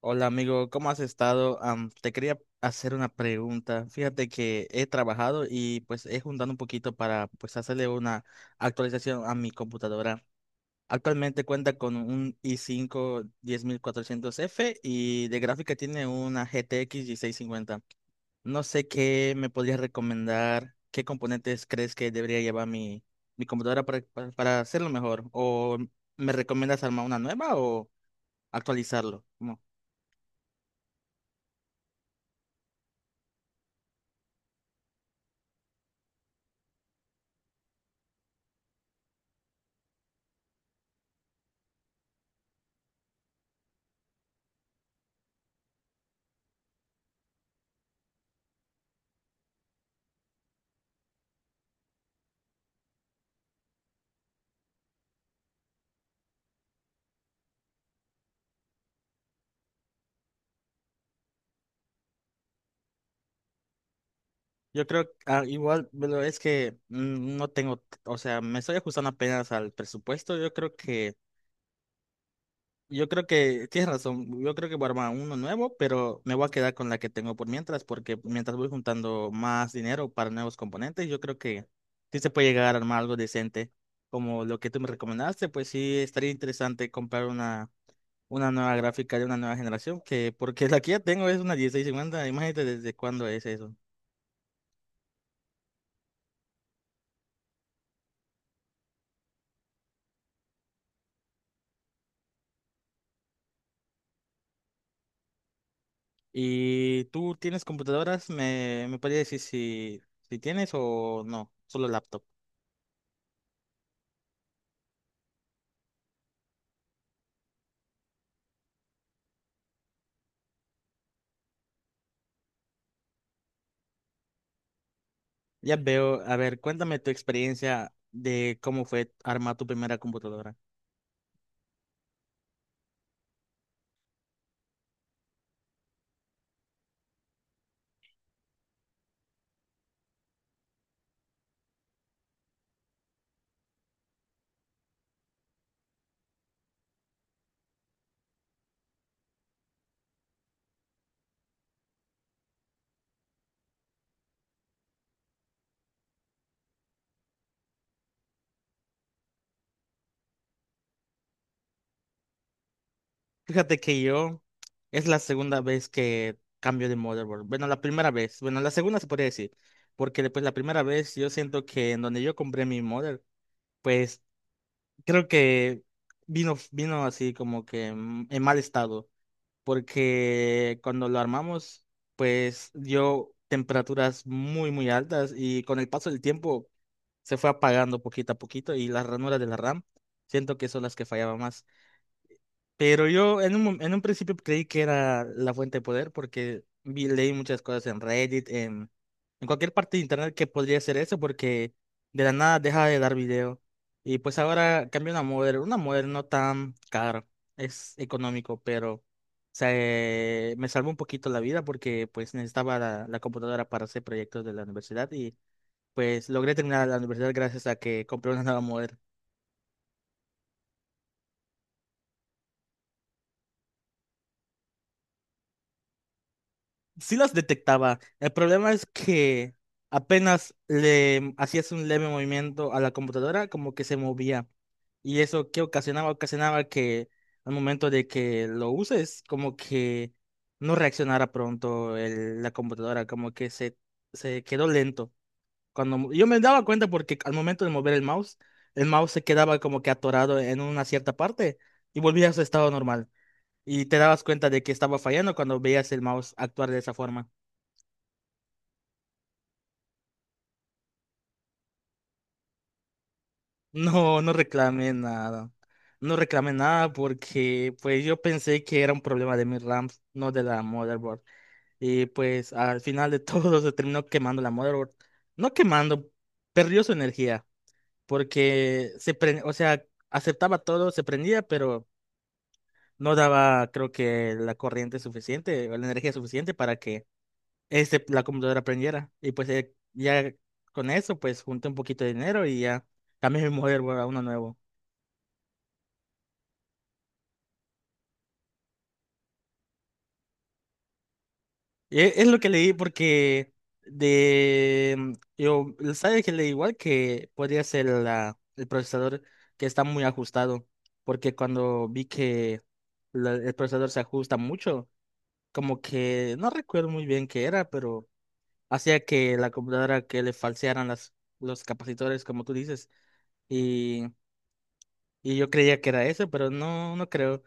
Hola amigo, ¿cómo has estado? Te quería hacer una pregunta. Fíjate que he trabajado y pues he juntado un poquito para pues hacerle una actualización a mi computadora. Actualmente cuenta con un i5 10400F y de gráfica tiene una GTX 1650. No sé qué me podrías recomendar, qué componentes crees que debería llevar mi computadora para hacerlo mejor. ¿O me recomiendas armar una nueva o actualizarlo? Yo creo, ah, igual, pero es que no tengo, o sea, me estoy ajustando apenas al presupuesto. Yo creo que tienes razón. Yo creo que voy a armar uno nuevo, pero me voy a quedar con la que tengo por mientras, porque mientras voy juntando más dinero para nuevos componentes, yo creo que sí se puede llegar a armar algo decente. Como lo que tú me recomendaste, pues sí estaría interesante comprar una nueva gráfica de una nueva generación, que porque la que ya tengo es una 1650. Imagínate desde cuándo es eso. ¿Y tú tienes computadoras? ¿Me podrías decir si si tienes o no? Solo laptop. Ya veo. A ver, cuéntame tu experiencia de cómo fue armar tu primera computadora. Fíjate que yo, es la segunda vez que cambio de motherboard. Bueno, la primera vez. Bueno, la segunda, se podría decir. Porque después la primera vez yo siento que en donde yo compré mi mother, pues creo que vino así como que en mal estado. Porque cuando lo armamos, pues dio temperaturas muy, muy altas, y con el paso del tiempo se fue apagando poquito a poquito, y las ranuras de la RAM, siento que son las que fallaban más. Pero yo en en un principio creí que era la fuente de poder porque vi, leí muchas cosas en Reddit, en cualquier parte de internet, que podría ser eso porque de la nada deja de dar video. Y pues ahora cambia una modder no tan cara, es económico, pero me salvó un poquito la vida porque pues necesitaba la computadora para hacer proyectos de la universidad, y pues logré terminar la universidad gracias a que compré una nueva modder. Sí las detectaba. El problema es que apenas le hacías un leve movimiento a la computadora, como que se movía. Y eso que ocasionaba, ocasionaba que al momento de que lo uses, como que no reaccionara pronto la computadora, como que se quedó lento. Cuando yo me daba cuenta porque al momento de mover el mouse se quedaba como que atorado en una cierta parte, y volvía a su estado normal. Y te dabas cuenta de que estaba fallando cuando veías el mouse actuar de esa forma. No, no reclamé nada. No reclamé nada porque pues yo pensé que era un problema de mi RAM, no de la motherboard. Y pues al final de todo se terminó quemando la motherboard. No quemando, perdió su energía porque o sea, aceptaba todo, se prendía, pero no daba, creo que, la corriente suficiente o la energía suficiente para que la computadora prendiera. Y pues ya con eso pues junté un poquito de dinero y ya cambié mi motherboard a uno nuevo. Es lo que leí porque de yo sabes que leí igual que podría ser el procesador, que está muy ajustado porque cuando vi que el procesador se ajusta mucho, como que no recuerdo muy bien qué era, pero hacía que la computadora, que le falsearan las, los capacitores, como tú dices, y, y yo creía que era eso, pero no, no creo.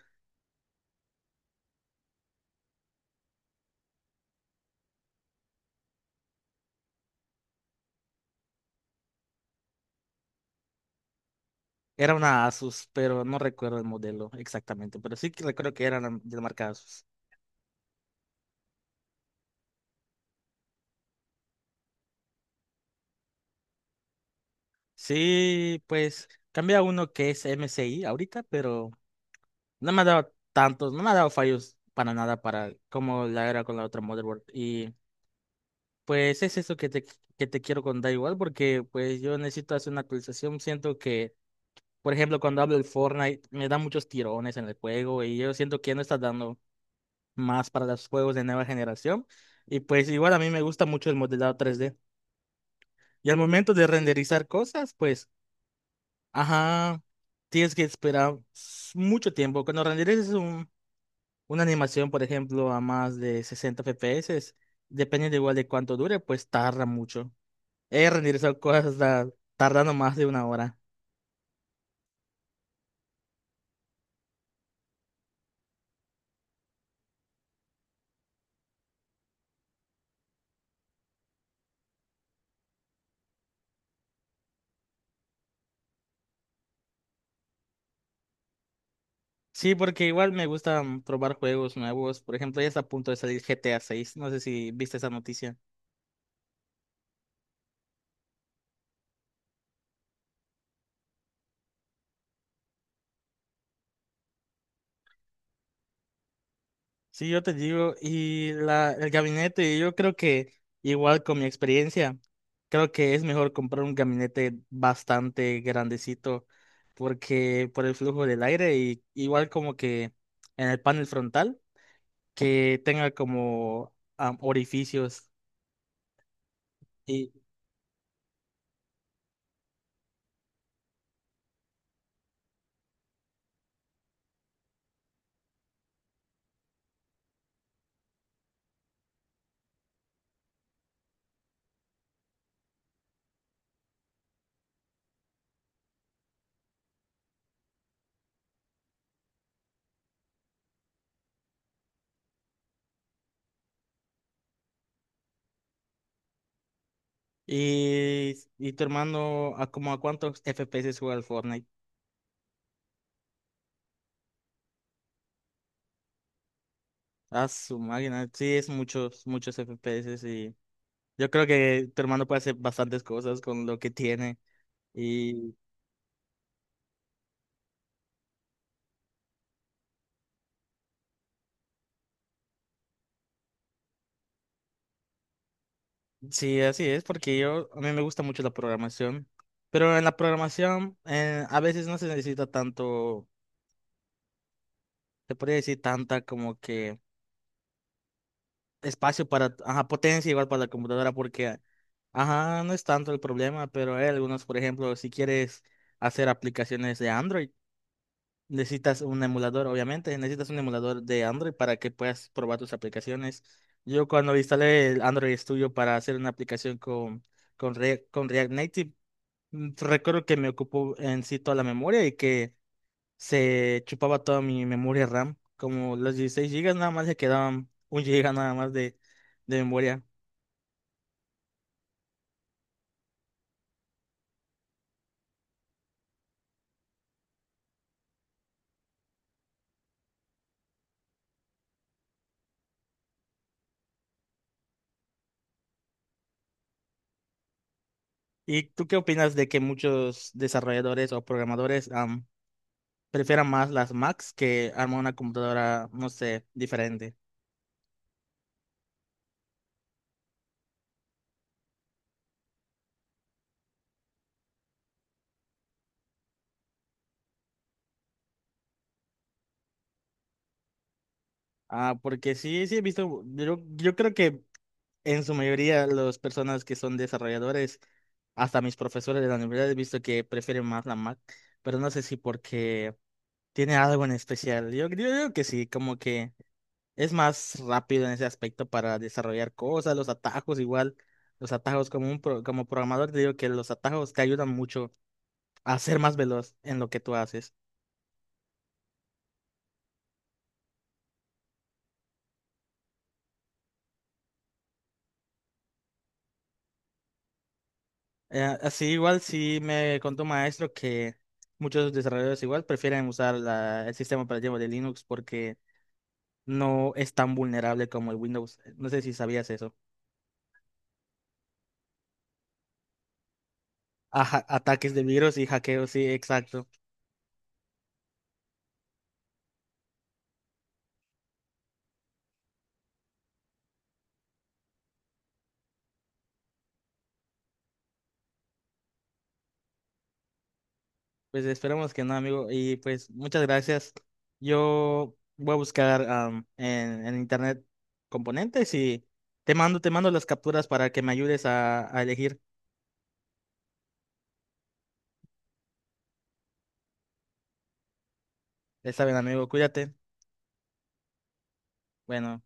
Era una Asus, pero no recuerdo el modelo exactamente, pero sí que recuerdo que era de la marca Asus. Sí, pues cambia uno que es MSI ahorita, pero no me ha dado tantos, no me ha dado fallos para nada, para como la era con la otra motherboard. Y pues es eso que que te quiero contar igual, porque pues yo necesito hacer una actualización. Siento que, por ejemplo, cuando hablo del Fortnite, me da muchos tirones en el juego, y yo siento que ya no está dando más para los juegos de nueva generación. Y pues igual a mí me gusta mucho el modelado 3D. Y al momento de renderizar cosas, pues, ajá, tienes que esperar mucho tiempo. Cuando renderices una animación, por ejemplo, a más de 60 FPS, depende de igual de cuánto dure, pues tarda mucho. He renderizado cosas hasta tardando más de una hora. Sí, porque igual me gusta probar juegos nuevos. Por ejemplo, ya está a punto de salir GTA 6. No sé si viste esa noticia. Sí, yo te digo, y la, el gabinete, yo creo que igual con mi experiencia, creo que es mejor comprar un gabinete bastante grandecito porque por el flujo del aire, y igual como que en el panel frontal que tenga como orificios. Y, y, y tu hermano, ¿a como a cuántos FPS juega el Fortnite? A su máquina, sí, es muchos, muchos FPS, y yo creo que tu hermano puede hacer bastantes cosas con lo que tiene. Y sí, así es, porque a mí me gusta mucho la programación, pero en la programación a veces no se necesita tanto, se podría decir tanta, como que espacio para, ajá, potencia, igual, para la computadora, porque, ajá, no es tanto el problema, pero hay algunos, por ejemplo, si quieres hacer aplicaciones de Android, necesitas un emulador, obviamente, necesitas un emulador de Android para que puedas probar tus aplicaciones. Yo cuando instalé el Android Studio para hacer una aplicación con React Native, recuerdo que me ocupó en sí toda la memoria, y que se chupaba toda mi memoria RAM. Como los 16 gigas, nada más le quedaban un giga, nada más de memoria. ¿Y tú qué opinas de que muchos desarrolladores o programadores prefieran más las Macs, que armar una computadora, no sé, diferente? Ah, porque sí, sí he visto, yo creo que en su mayoría las personas que son desarrolladores, hasta mis profesores de la universidad, he visto que prefieren más la Mac, pero no sé si porque tiene algo en especial. Yo creo que sí, como que es más rápido en ese aspecto para desarrollar cosas, los atajos igual, los atajos como programador te digo que los atajos te ayudan mucho a ser más veloz en lo que tú haces. Así igual sí me contó un maestro que muchos desarrolladores igual prefieren usar el sistema operativo de Linux porque no es tan vulnerable como el Windows. No sé si sabías eso. Ajá, ataques de virus y hackeos, sí, exacto. Pues esperemos que no, amigo. Y pues muchas gracias. Yo voy a buscar en internet componentes, y te mando las capturas para que me ayudes a elegir. Está bien, amigo, cuídate. Bueno.